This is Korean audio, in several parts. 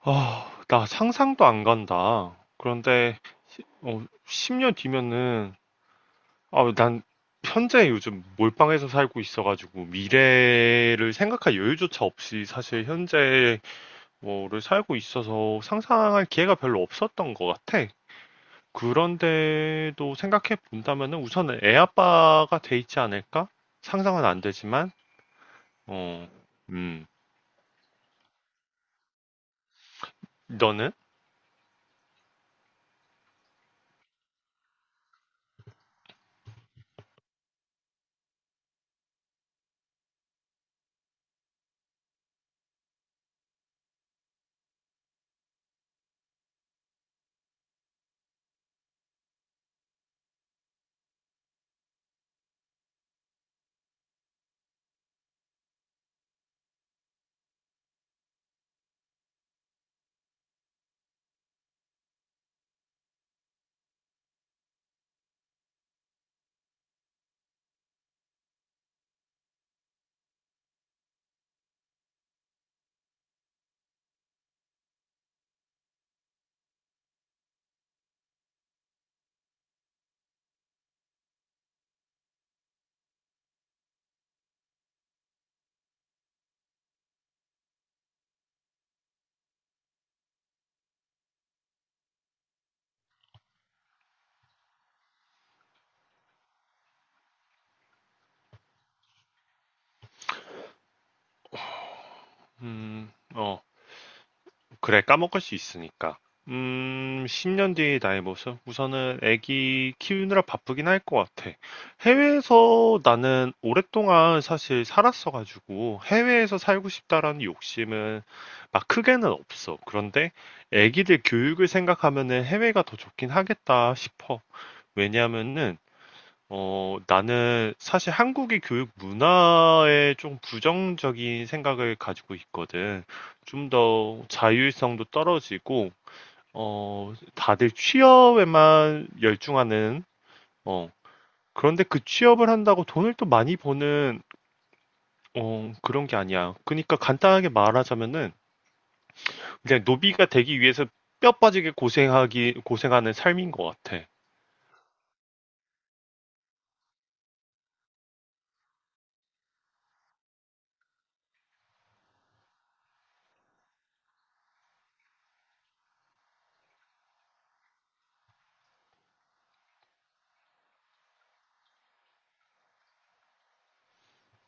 아, 나 상상도 안 간다. 그런데, 10년 뒤면은, 아, 난 현재 요즘 몰빵해서 살고 있어가지고, 미래를 생각할 여유조차 없이 사실 현재 뭐를 살고 있어서 상상할 기회가 별로 없었던 것 같아. 그런데도 생각해 본다면은 우선은 애 아빠가 돼 있지 않을까? 상상은 안 되지만, 어, 음, 너는? 어. 그래, 까먹을 수 있으니까. 10년 뒤의 나의 모습? 우선은 애기 키우느라 바쁘긴 할 것 같아. 해외에서 나는 오랫동안 사실 살았어가지고 해외에서 살고 싶다라는 욕심은 막 크게는 없어. 그런데 애기들 교육을 생각하면은 해외가 더 좋긴 하겠다 싶어. 왜냐하면은 나는 사실 한국의 교육 문화에 좀 부정적인 생각을 가지고 있거든. 좀 더 자율성도 떨어지고, 다들 취업에만 열중하는, 어, 그런데 그 취업을 한다고 돈을 또 많이 버는, 그런 게 아니야. 그러니까 간단하게 말하자면은, 그냥 노비가 되기 위해서 뼈 빠지게 고생하는 삶인 것 같아.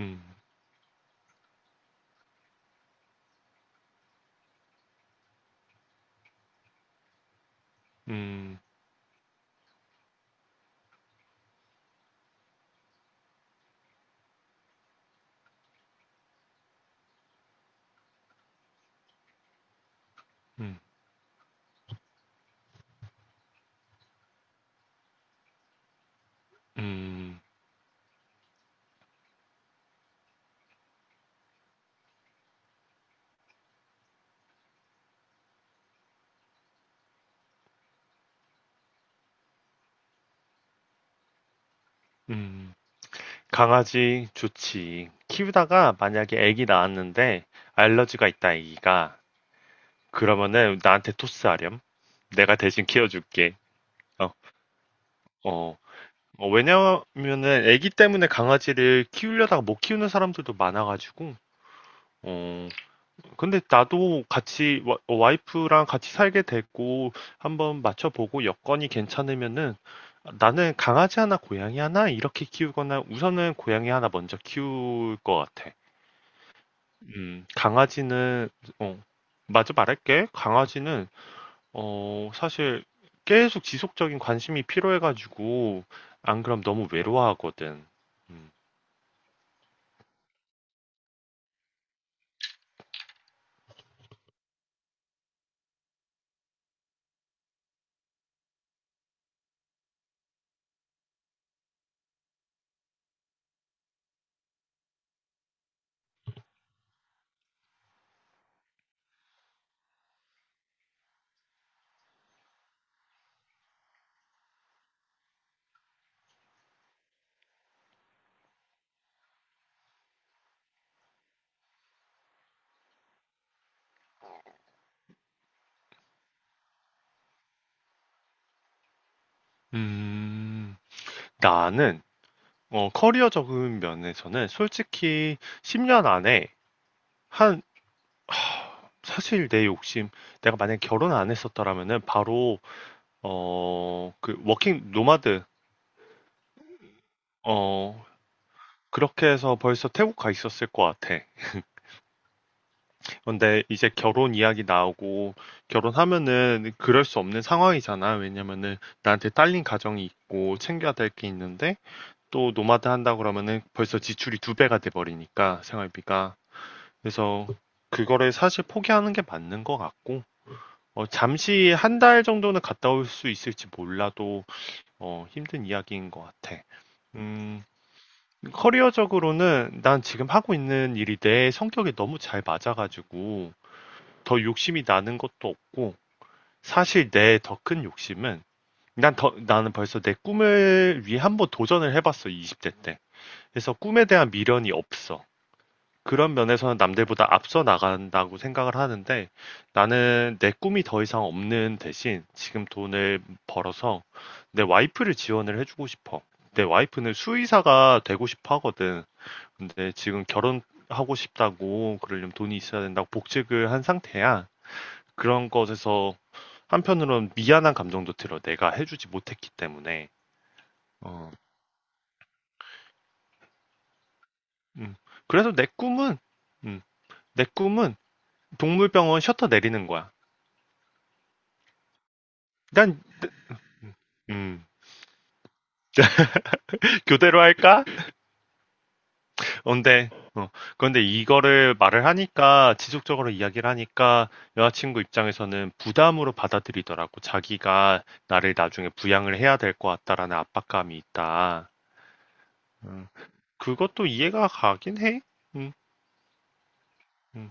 음. 음. 음. 음. 음. 강아지 좋지. 키우다가 만약에 아기 낳았는데 알러지가 있다 아기가 그러면은 나한테 토스하렴. 내가 대신 키워줄게. 어, 어. 왜냐면은 아기 때문에 강아지를 키우려다가 못 키우는 사람들도 많아가지고. 어, 근데 나도 같이 와이프랑 같이 살게 됐고 한번 맞춰보고 여건이 괜찮으면은 나는 강아지 하나 고양이 하나 이렇게 키우거나 우선은 고양이 하나 먼저 키울 것 같아. 강아지는, 어, 맞아 말할게. 강아지는, 사실 계속 지속적인 관심이 필요해가지고, 안 그럼 너무 외로워하거든. 음, 음, 나는, 커리어적인 면에서는 솔직히 10년 안에 한, 사실 내 욕심, 내가 만약에 결혼 안 했었더라면은 바로, 그, 워킹 노마드, 어, 그렇게 해서 벌써 태국 가 있었을 것 같아. 근데 이제 결혼 이야기 나오고 결혼하면은 그럴 수 없는 상황이잖아. 왜냐면은 나한테 딸린 가정이 있고 챙겨야 될 게 있는데 또 노마드 한다 그러면은 벌써 지출이 두 배가 돼 버리니까 생활비가. 그래서 그거를 사실 포기하는 게 맞는 것 같고 잠시 한 달 정도는 갔다 올 수 있을지 몰라도 힘든 이야기인 것 같아. 음, 커리어적으로는 난 지금 하고 있는 일이 내 성격에 너무 잘 맞아가지고 더 욕심이 나는 것도 없고 사실 내 더 큰 욕심은 나는 벌써 내 꿈을 위해 한번 도전을 해봤어, 20대 때. 그래서 꿈에 대한 미련이 없어. 그런 면에서는 남들보다 앞서 나간다고 생각을 하는데 나는 내 꿈이 더 이상 없는 대신 지금 돈을 벌어서 내 와이프를 지원을 해주고 싶어. 내 와이프는 수의사가 되고 싶어 하거든. 근데 지금 결혼하고 싶다고 그러려면 돈이 있어야 된다고 복직을 한 상태야. 그런 것에서 한편으로는 미안한 감정도 들어. 내가 해주지 못했기 때문에. 어. 음. 그래서 음, 내 꿈은 동물병원 셔터 내리는 거야. 난, 음, 교대로 할까? 근데, 어, 그런데 이거를 말을 하니까, 지속적으로 이야기를 하니까, 여자친구 입장에서는 부담으로 받아들이더라고. 자기가 나를 나중에 부양을 해야 될 것 같다라는 압박감이 있다. 음. 그것도 이해가 가긴 해. 음. 음.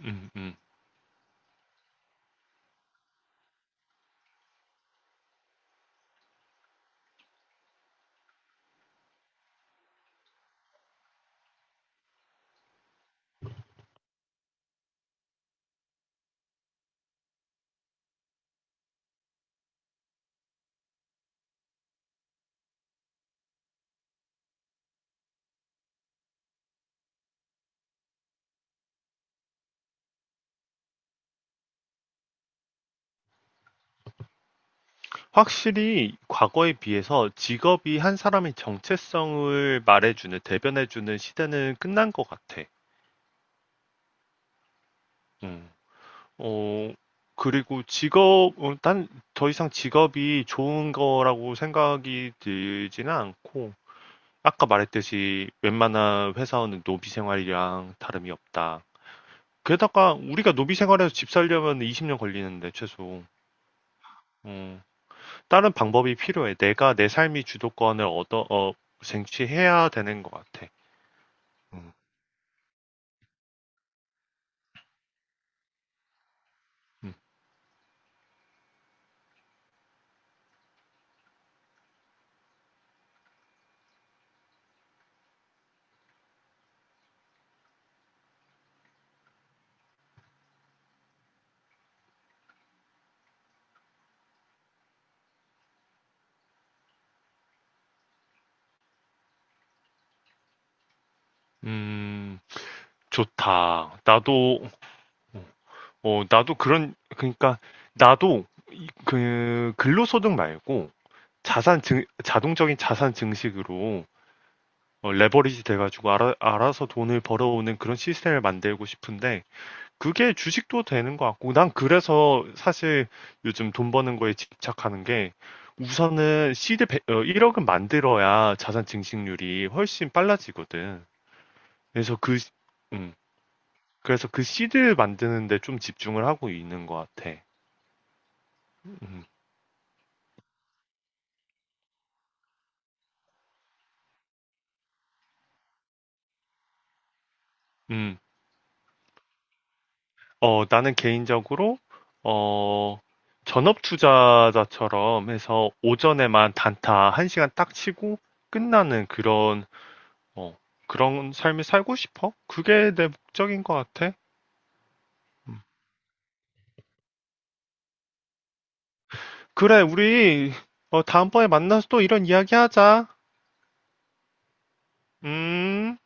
음. 음. 확실히 과거에 비해서 직업이 한 사람의 정체성을 말해주는, 대변해주는 시대는 끝난 것 같아. 음. 어, 그리고 직업, 난더 이상 직업이 좋은 거라고 생각이 들지는 않고, 아까 말했듯이 웬만한 회사원은 노비 생활이랑 다름이 없다. 게다가 우리가 노비 생활에서 집 살려면 20년 걸리는데, 최소. 음. 다른 방법이 필요해. 내가 내 삶의 주도권을 쟁취해야 되는 것 같아. 음. 음, 음, 좋다. 나도 어 나도 그런 그러니까 나도 이- 그 근로소득 말고 자산 증 자동적인 자산 증식으로 레버리지 돼가지고 알아서 돈을 벌어오는 그런 시스템을 만들고 싶은데 그게 주식도 되는 것 같고, 난 그래서 사실 요즘 돈 버는 거에 집착하는 게, 우선은 시드 1 억은 만들어야 자산 증식률이 훨씬 빨라지거든. 그래서 그, 시- 음, 그래서 그 시드를 만드는데 좀 집중을 하고 있는 것 같아. 음. 음. 나는 개인적으로, 어, 전업 투자자처럼 해서 오전에만 단타 1시간 딱 치고 끝나는 어, 그런 삶이 살고 싶어? 그게 내 목적인 것 같아. 음. 그래, 우리, 다음번에 만나서 또 이런 이야기 하자. 음.